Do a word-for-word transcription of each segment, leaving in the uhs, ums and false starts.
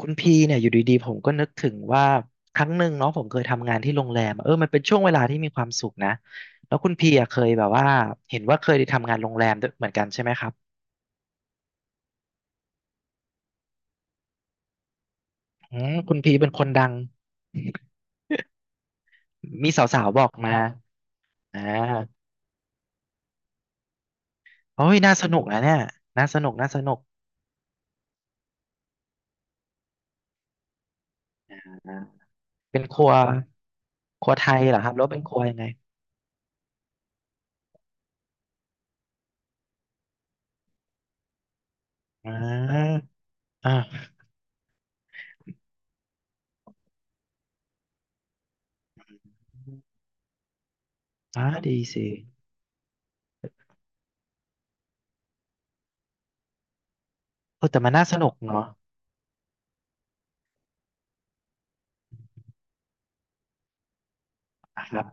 คุณพีเนี่ยอยู่ดีๆผมก็นึกถึงว่าครั้งหนึ่งเนาะผมเคยทำงานที่โรงแรมอะเออมันเป็นช่วงเวลาที่มีความสุขนะแล้วคุณพีอะเคยแบบว่าเห็นว่าเคยได้ทำงานโรงแรมด้วยเหมือนกันใช่ไหมครับอืมคุณพีเป็นคนดังมีสาวๆบอกมาอ่าโอ้ยน่าสนุกนะเนี่ยน่าสนุกน่าสนุกอ่าเป็นครัวครัวไทยเหรอครับแล้วเป็นครัวยังไงอ่าอ่าอ่าดีสิเออแต่มันน่าสนุกเนาะอ่ะครับ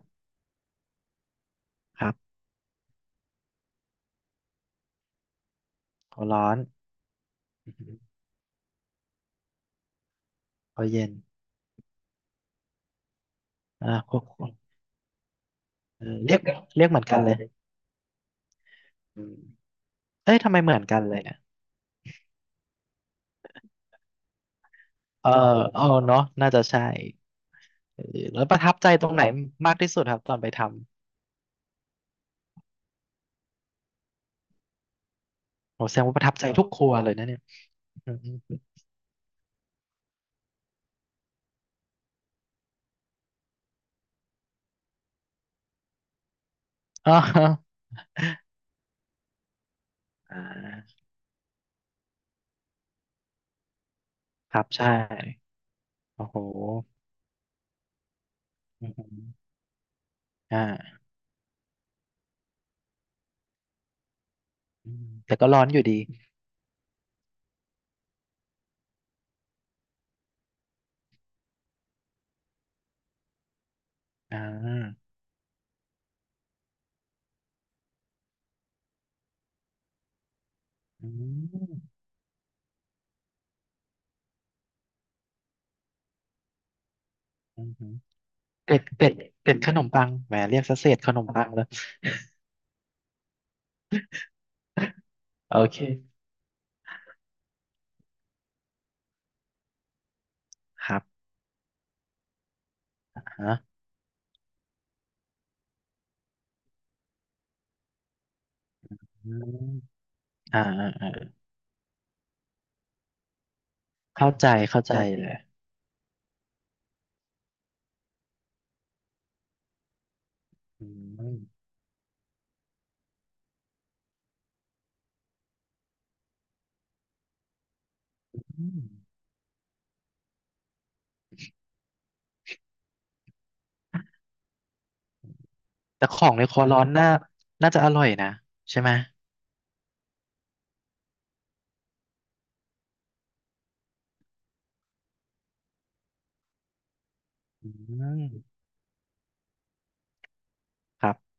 ครับครัวร้อนพอหือครัวเย็น อ่าพวกเออเรียกเรียกเหมือนกัใช่นเลยอืมเอ้ยทำไมเหมือนกันเลยเนี่ยเออเออเนาะน่าจะใช่เออแล้วประทับใจตรงไหนมากที่สุดครับตอนไปทำโหแสดงว่าประทับใจทุกครัวเลยนะเนี่ยอืมอ๋ออ่าครับใช่โอ้โหอืมอ่าอืมแต่ก็ร้อนอยู่ดีอ่าอืมอืมเกล็ดเกล็ดเกล็ดขนมปังแหมเรียกซะเศษขนมปังเลยโอเคครับฮะอมอ่าอ่าอ่าเข้าใจเข้าใจเลย อืมแต่ของในครัวร้อนน่าน่าจะอร่อยนะใช่ไหมอืมครับ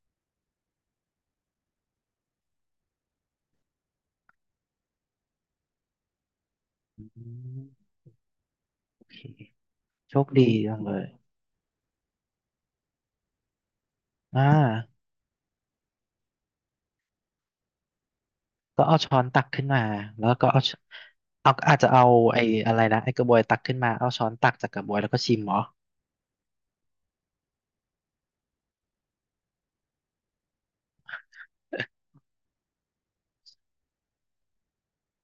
อืมโอเคโชคดีจังเลยอ่าก็เอาช้อนตักขึ้นมาแล้วก็เอาชเอาอาจจะเอาไอ้อะไรนะไอ้กระบวยตักขึ้นมาเอาช้อนตักจากกระบวยแล้วก็ชิมเหรอ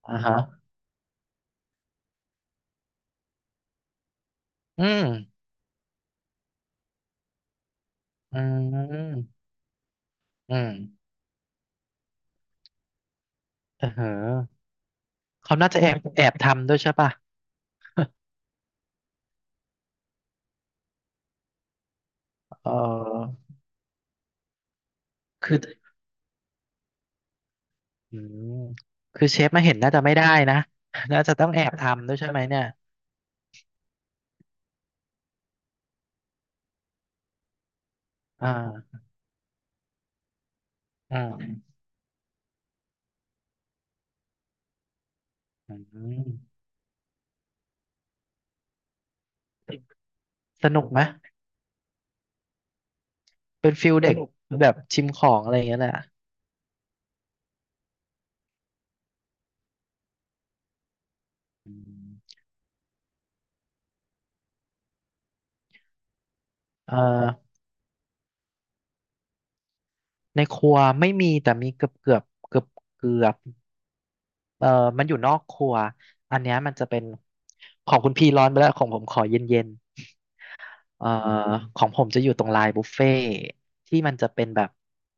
อ่าฮะอืมอืมอืมเออเหอะเขาน่าจะแอบแอบทำด้วยใช่ป่ะเออคือ อืมคือเชฟมาเห็นน่าจะไม่ได้นะ น่าจะต้องแอบทำด้วยใช่ไหมเนี่ยอ่าอ่าอืมสนุกไหมเป็นฟิลเด็กแบบชิมของอะไรอย่างเงี้ยแหละอืมเอ่อในครัวไม่มีแต่มีเกือบเกือบเกือบเกือบเอ่อมันอยู่นอกครัวอันเนี้ยมันจะเป็นของคุณพี่ร้อนไปแล้วของผมขอเย็นเย็น เอ่อของผมจะอยู่ตรงไลน์บุฟเฟ่ที่มันจะเป็นแบบ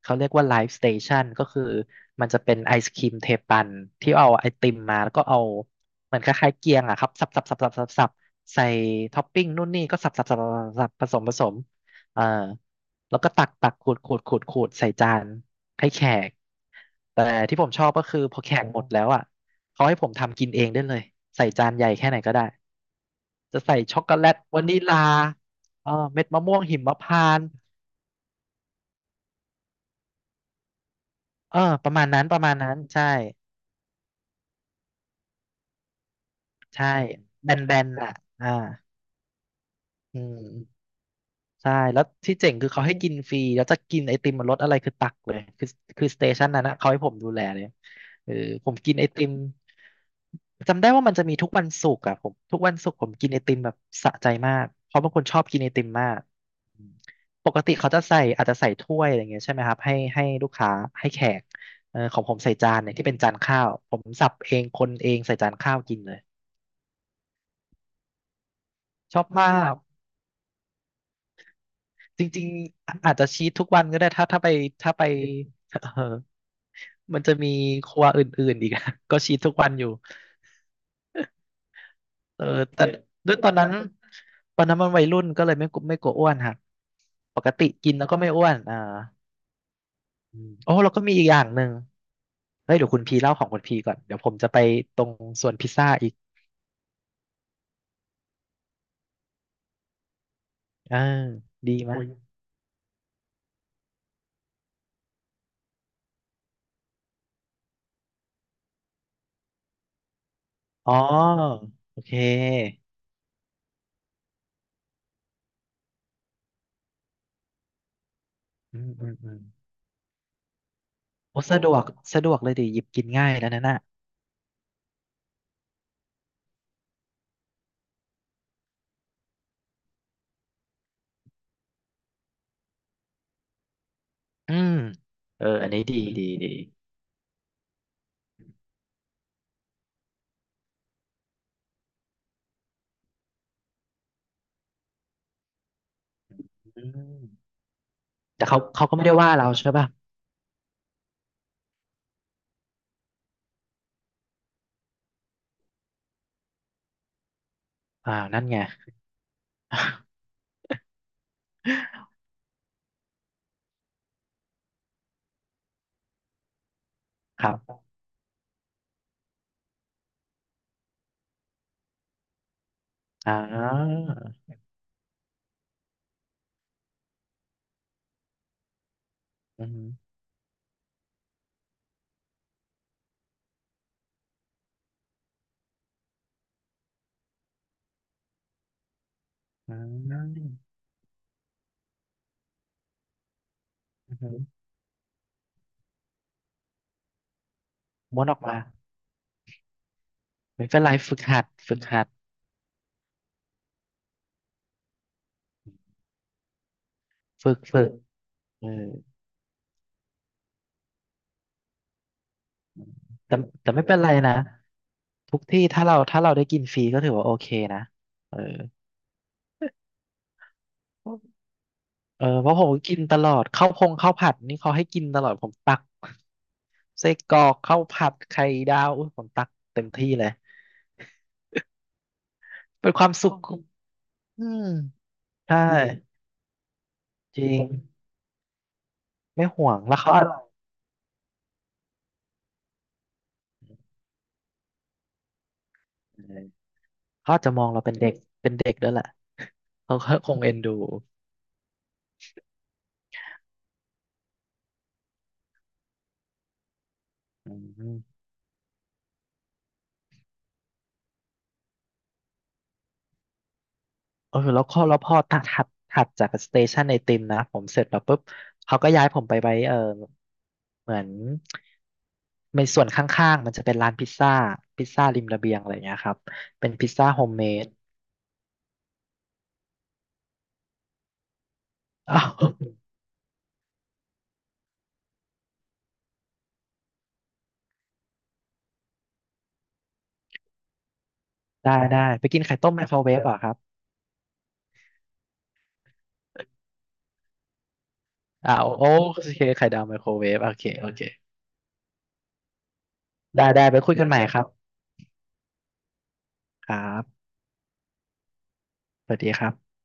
เขาเรียกว่าไลฟ์สเตชันก็คือมันจะเป็นไอศครีมเทปันที่เอาไอติมมาแล้วก็เอาเหมือนคล้ายๆเกียงอะครับสับสับสับสับสับสับใส่ท็อปปิ้งนู่นนี่ก็สับสับสับสับสับผสมผสมเอ่อแล้วก็ตักตักขูดขูดขูดขูดใส่จานให้แขกแต่ที่ผมชอบก็คือพอแขกหมดแล้วอ่ะเขาให้ผมทำกินเองได้เลยใส่จานใหญ่แค่ไหนก็ได้ จะใส่ช็อกโกแลตวานิลาเออเม็ดมะม่วงหิมพานต์เออประมาณนั้นประมาณนั้นใช่ใช่แบนๆน่ะอ่าอืม ใช่แล้วที่เจ๋งคือเขาให้กินฟรีแล้วจะกินไอติมมันรสอะไรคือตักเลยคือคือสเตชันนั้นนะเขาให้ผมดูแลเลยเออผมกินไอติมจำได้ว่ามันจะมีทุกวันศุกร์อะผมทุกวันศุกร์ผมกินไอติมแบบสะใจมากเพราะบางคนชอบกินไอติมมากอืมปกติเขาจะใส่อาจจะใส่ถ้วยอะไรเงี้ยใช่ไหมครับให้ให้ลูกค้าให้แขกเออของผมใส่จานเนี่ยที่เป็นจานข้าวผมสับเองคนเองใส่จานข้าวกินเลยชอบมาก จริงๆอาจจะชีททุกวันก็ได้ถ้าถ้าไปถ้าไปเออมันจะมีครัวอื่นๆอีกอะ ก็ชีททุกวันอยู่เออแต่ด้วยตอนนั้นตอนนั้นมันวัยรุ่นก็เลยไม่กลัวไม่กลัวอ้วนครับปกติกินแล้วก็ไม่อ้วนอ่าอืมโอ้แล้วก็มีอีกอย่างหนึ่งเฮ้ยเดี๋ยวคุณพีเล่าของคุณพีก่อนเดี๋ยวผมจะไปตรงส่วนพิซซ่าอีกอ่าดีไหมโยอ๋อโอเคอืมอืมอืมโอ้สะดวกสะดวกเลยดิหยิบกินง่ายแล้วนะน่ะ อืมเอออันนี้ดีดีดีอืมแต่เขาเขาก็ไม่ได้ว่าเราใช่ป่ะอ่านั่นไง ครับอ่าอืมอืมอืมม้วนออกมาไม่เป็นไรฝึกหัดฝึกหัดฝึกฝึกเออแต่แต่ไม่เป็นไรนะทุกที่ถ้าเราถ้าเราได้กินฟรีก็ถือว่าโอเคนะเออเออเพราะผมก็กินตลอดข้าวพงข้าวผัดนี่เขาให้กินตลอดผมตักไส้กรอกข้าวผัดไข่ดาวอุ๊ยผมตักเต็มที่เลย เป็นความสุขของอืมใช่ จริง ไม่ห่วงแล้วเขาอาจเขาอาจจะมองเราเป็นเด็ก เป็นเด็กด้วยแหละเขาก็คงเอ็นดูอืมเออแล้วข้อแล้วพอถัดถัดถัดจากสเตชันไอติมนะ ผมเสร็จแล้วปุ๊บ เขาก็ย้ายผมไปไว้เออเหมือนในส่วนข้างๆ มันจะเป็นร้านพิซซ่า พิซซ่าริมระเบียงอะไรเงี้ยครับเป็นพิซซ่าโฮมเมดอ้าวได้ได้ ไปกินไข่ต้มไมโครเวฟเหรอ่ะครับอ้าวโอเคไข่ดาวไมโครเวฟโอเคโอเค ได้ได้ไปคุยกันใหม่ครับครับสวัสดีครับ